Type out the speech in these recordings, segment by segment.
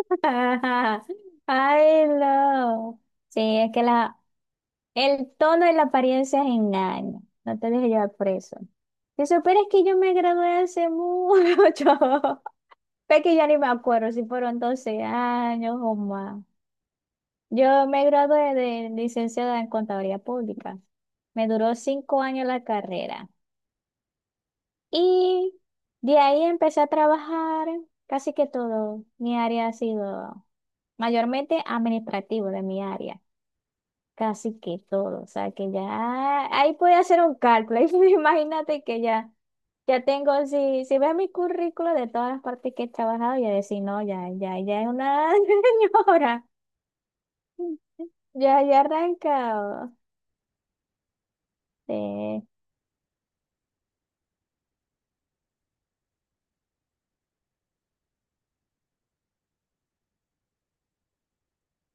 Ajá. Ay, no. Sí, es que el tono y la apariencia engañan. No te dejes llevar por eso. Si supieras que yo me gradué hace mucho, es que ya ni me acuerdo si fueron 12 años o más. Yo me gradué de licenciada en Contaduría Pública. Me duró 5 años la carrera. Y de ahí empecé a trabajar casi que todo. Mi área ha sido mayormente administrativo de mi área. Casi que todo. O sea, que ya ahí puede hacer un cálculo. Ahí imagínate que ya, ya tengo, si ves mi currículo de todas las partes que he trabajado, ya decir, no, ya, ya, ya es una señora. Ya, ya he arrancado. De,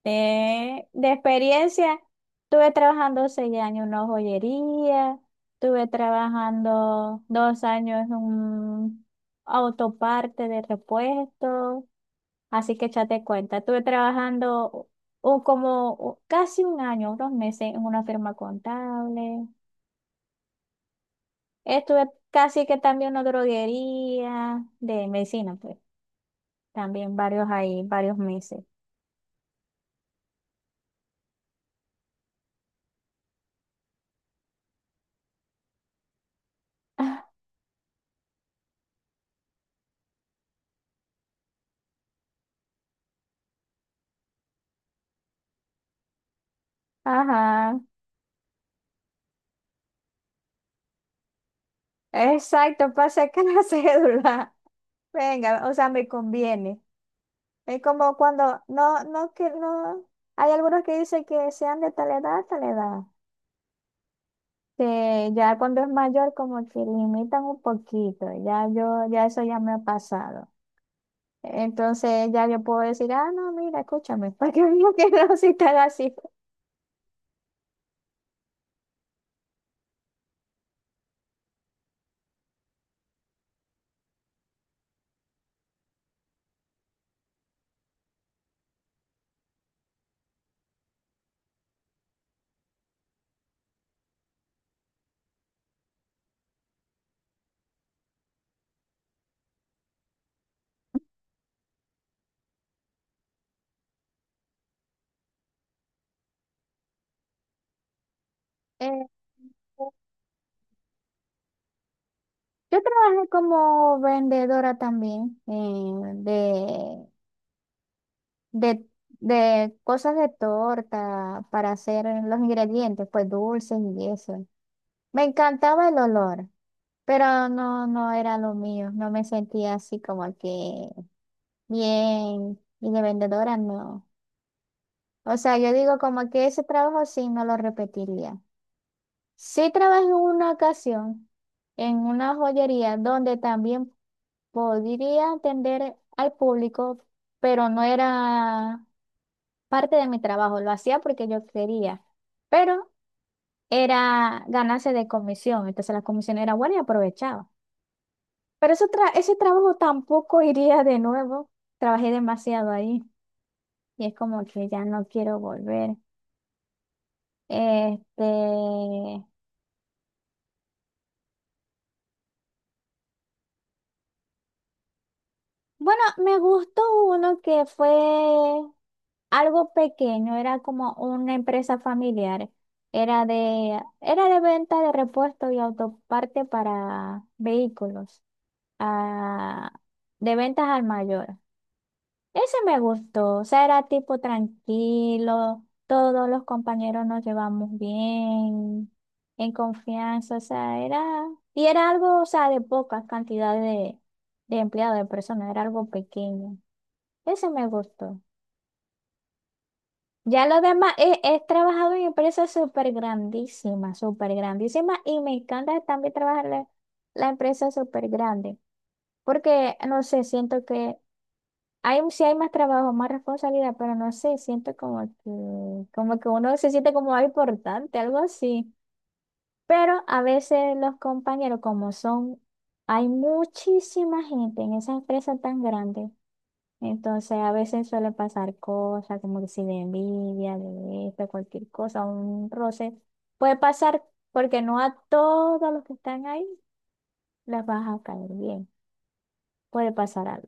de experiencia, estuve trabajando 6 años en una joyería, estuve trabajando 2 años en un autoparte de repuesto. Así que échate cuenta, estuve trabajando o como o casi un año, unos meses en una firma contable. Estuve casi que también en una droguería de medicina, pues también varios ahí, varios meses. Ajá, exacto, para sacar la cédula. Venga, o sea, me conviene. Es como cuando, no, no, que no, hay algunos que dicen que sean de tal edad, tal edad. Sí, ya cuando es mayor como que limitan un poquito, ya yo, ya eso ya me ha pasado. Entonces ya yo puedo decir, ah, no, mira, escúchame, para que digo que no si tal así. Eh, yo trabajé como vendedora también de, de, de cosas de torta para hacer los ingredientes, pues dulces y eso. Me encantaba el olor, pero no, no era lo mío, no me sentía así como que bien, y de vendedora no. O sea, yo digo como que ese trabajo sí no lo repetiría. Sí trabajé en una ocasión en una joyería donde también podría atender al público, pero no era parte de mi trabajo, lo hacía porque yo quería, pero era ganarse de comisión, entonces la comisión era buena y aprovechaba. Pero ese trabajo tampoco iría de nuevo, trabajé demasiado ahí y es como que ya no quiero volver. Este, bueno, me gustó uno que fue algo pequeño, era como una empresa familiar. Era de venta de repuestos y autoparte para vehículos, ah, de ventas al mayor. Ese me gustó, o sea, era tipo tranquilo, todos los compañeros nos llevamos bien, en confianza, o sea, y era algo, o sea, de pocas cantidades de empleados, de personas, era algo pequeño. Ese me gustó. Ya lo demás, he trabajado en empresas súper grandísimas, y me encanta también trabajar en la empresa súper grande, porque, no sé, siento que sí hay más trabajo, más responsabilidad, pero no sé, siento como que uno se siente como algo importante, algo así. Pero a veces los compañeros, como son, hay muchísima gente en esa empresa tan grande, entonces a veces suele pasar cosas como que si de envidia, de esto, cualquier cosa, un roce, puede pasar porque no a todos los que están ahí les vas a caer bien, puede pasar algo.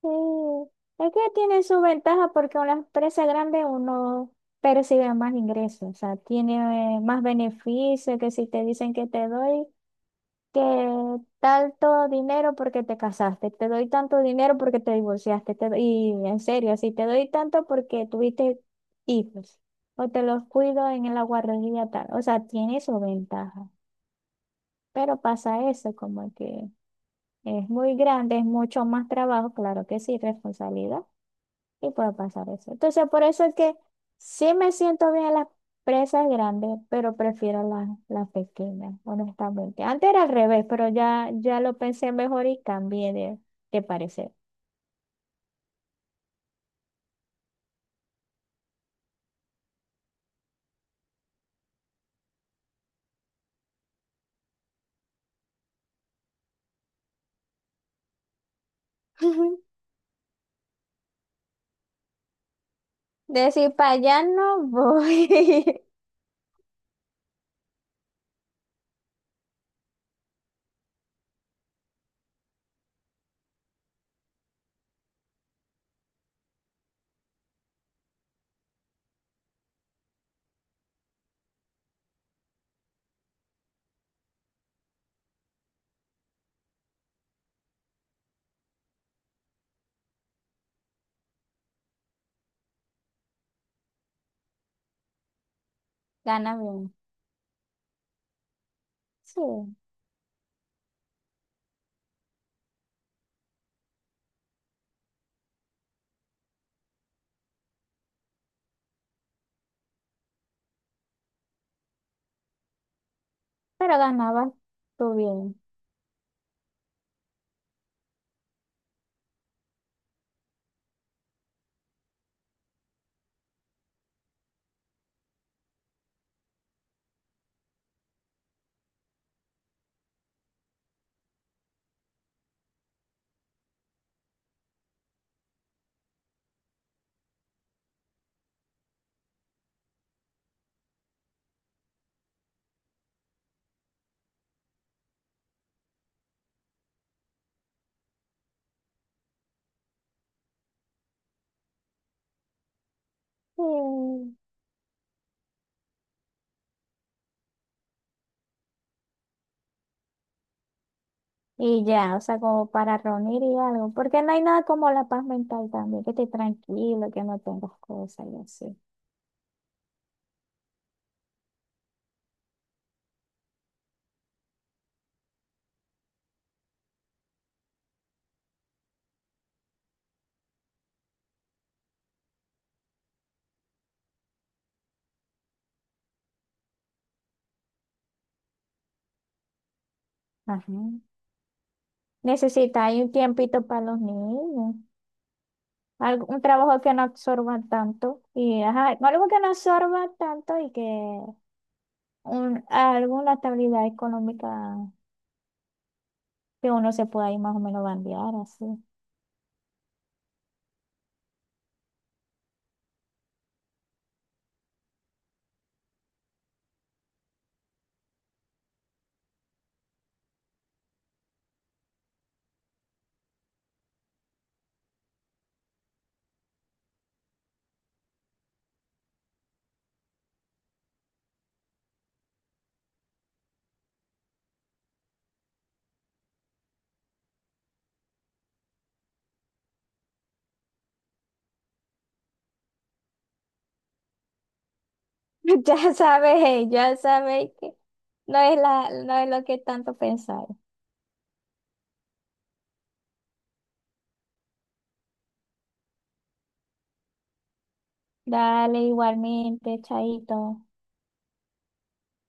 Sí, es que tiene su ventaja porque una empresa grande uno percibe más ingresos, o sea, tiene más beneficios que si te dicen que te doy que tanto dinero porque te casaste, te doy tanto dinero porque te divorciaste, y en serio, si te doy tanto porque tuviste hijos o te los cuido en la guardería tal, o sea, tiene su ventaja, pero pasa eso, como que es muy grande, es mucho más trabajo, claro que sí, responsabilidad. Y puede pasar eso. Entonces, por eso es que sí me siento bien en las presas grandes, pero prefiero las pequeñas, honestamente. Antes era al revés, pero ya, ya lo pensé mejor y cambié de parecer. Decir, para allá no voy. Gana bien. Sí, pero ganabas tú bien. Sí. Y ya, o sea, como para reunir y algo, porque no hay nada como la paz mental también, que estés tranquilo, que no tengas cosas y así. Ajá. Necesitáis un tiempito para los niños, un trabajo que no absorba tanto y ajá, algo que no absorba tanto y que alguna estabilidad económica que uno se pueda ir más o menos bandear así. Ya sabes, ya sabéis que no es lo que tanto pensáis. Dale igualmente, chaito.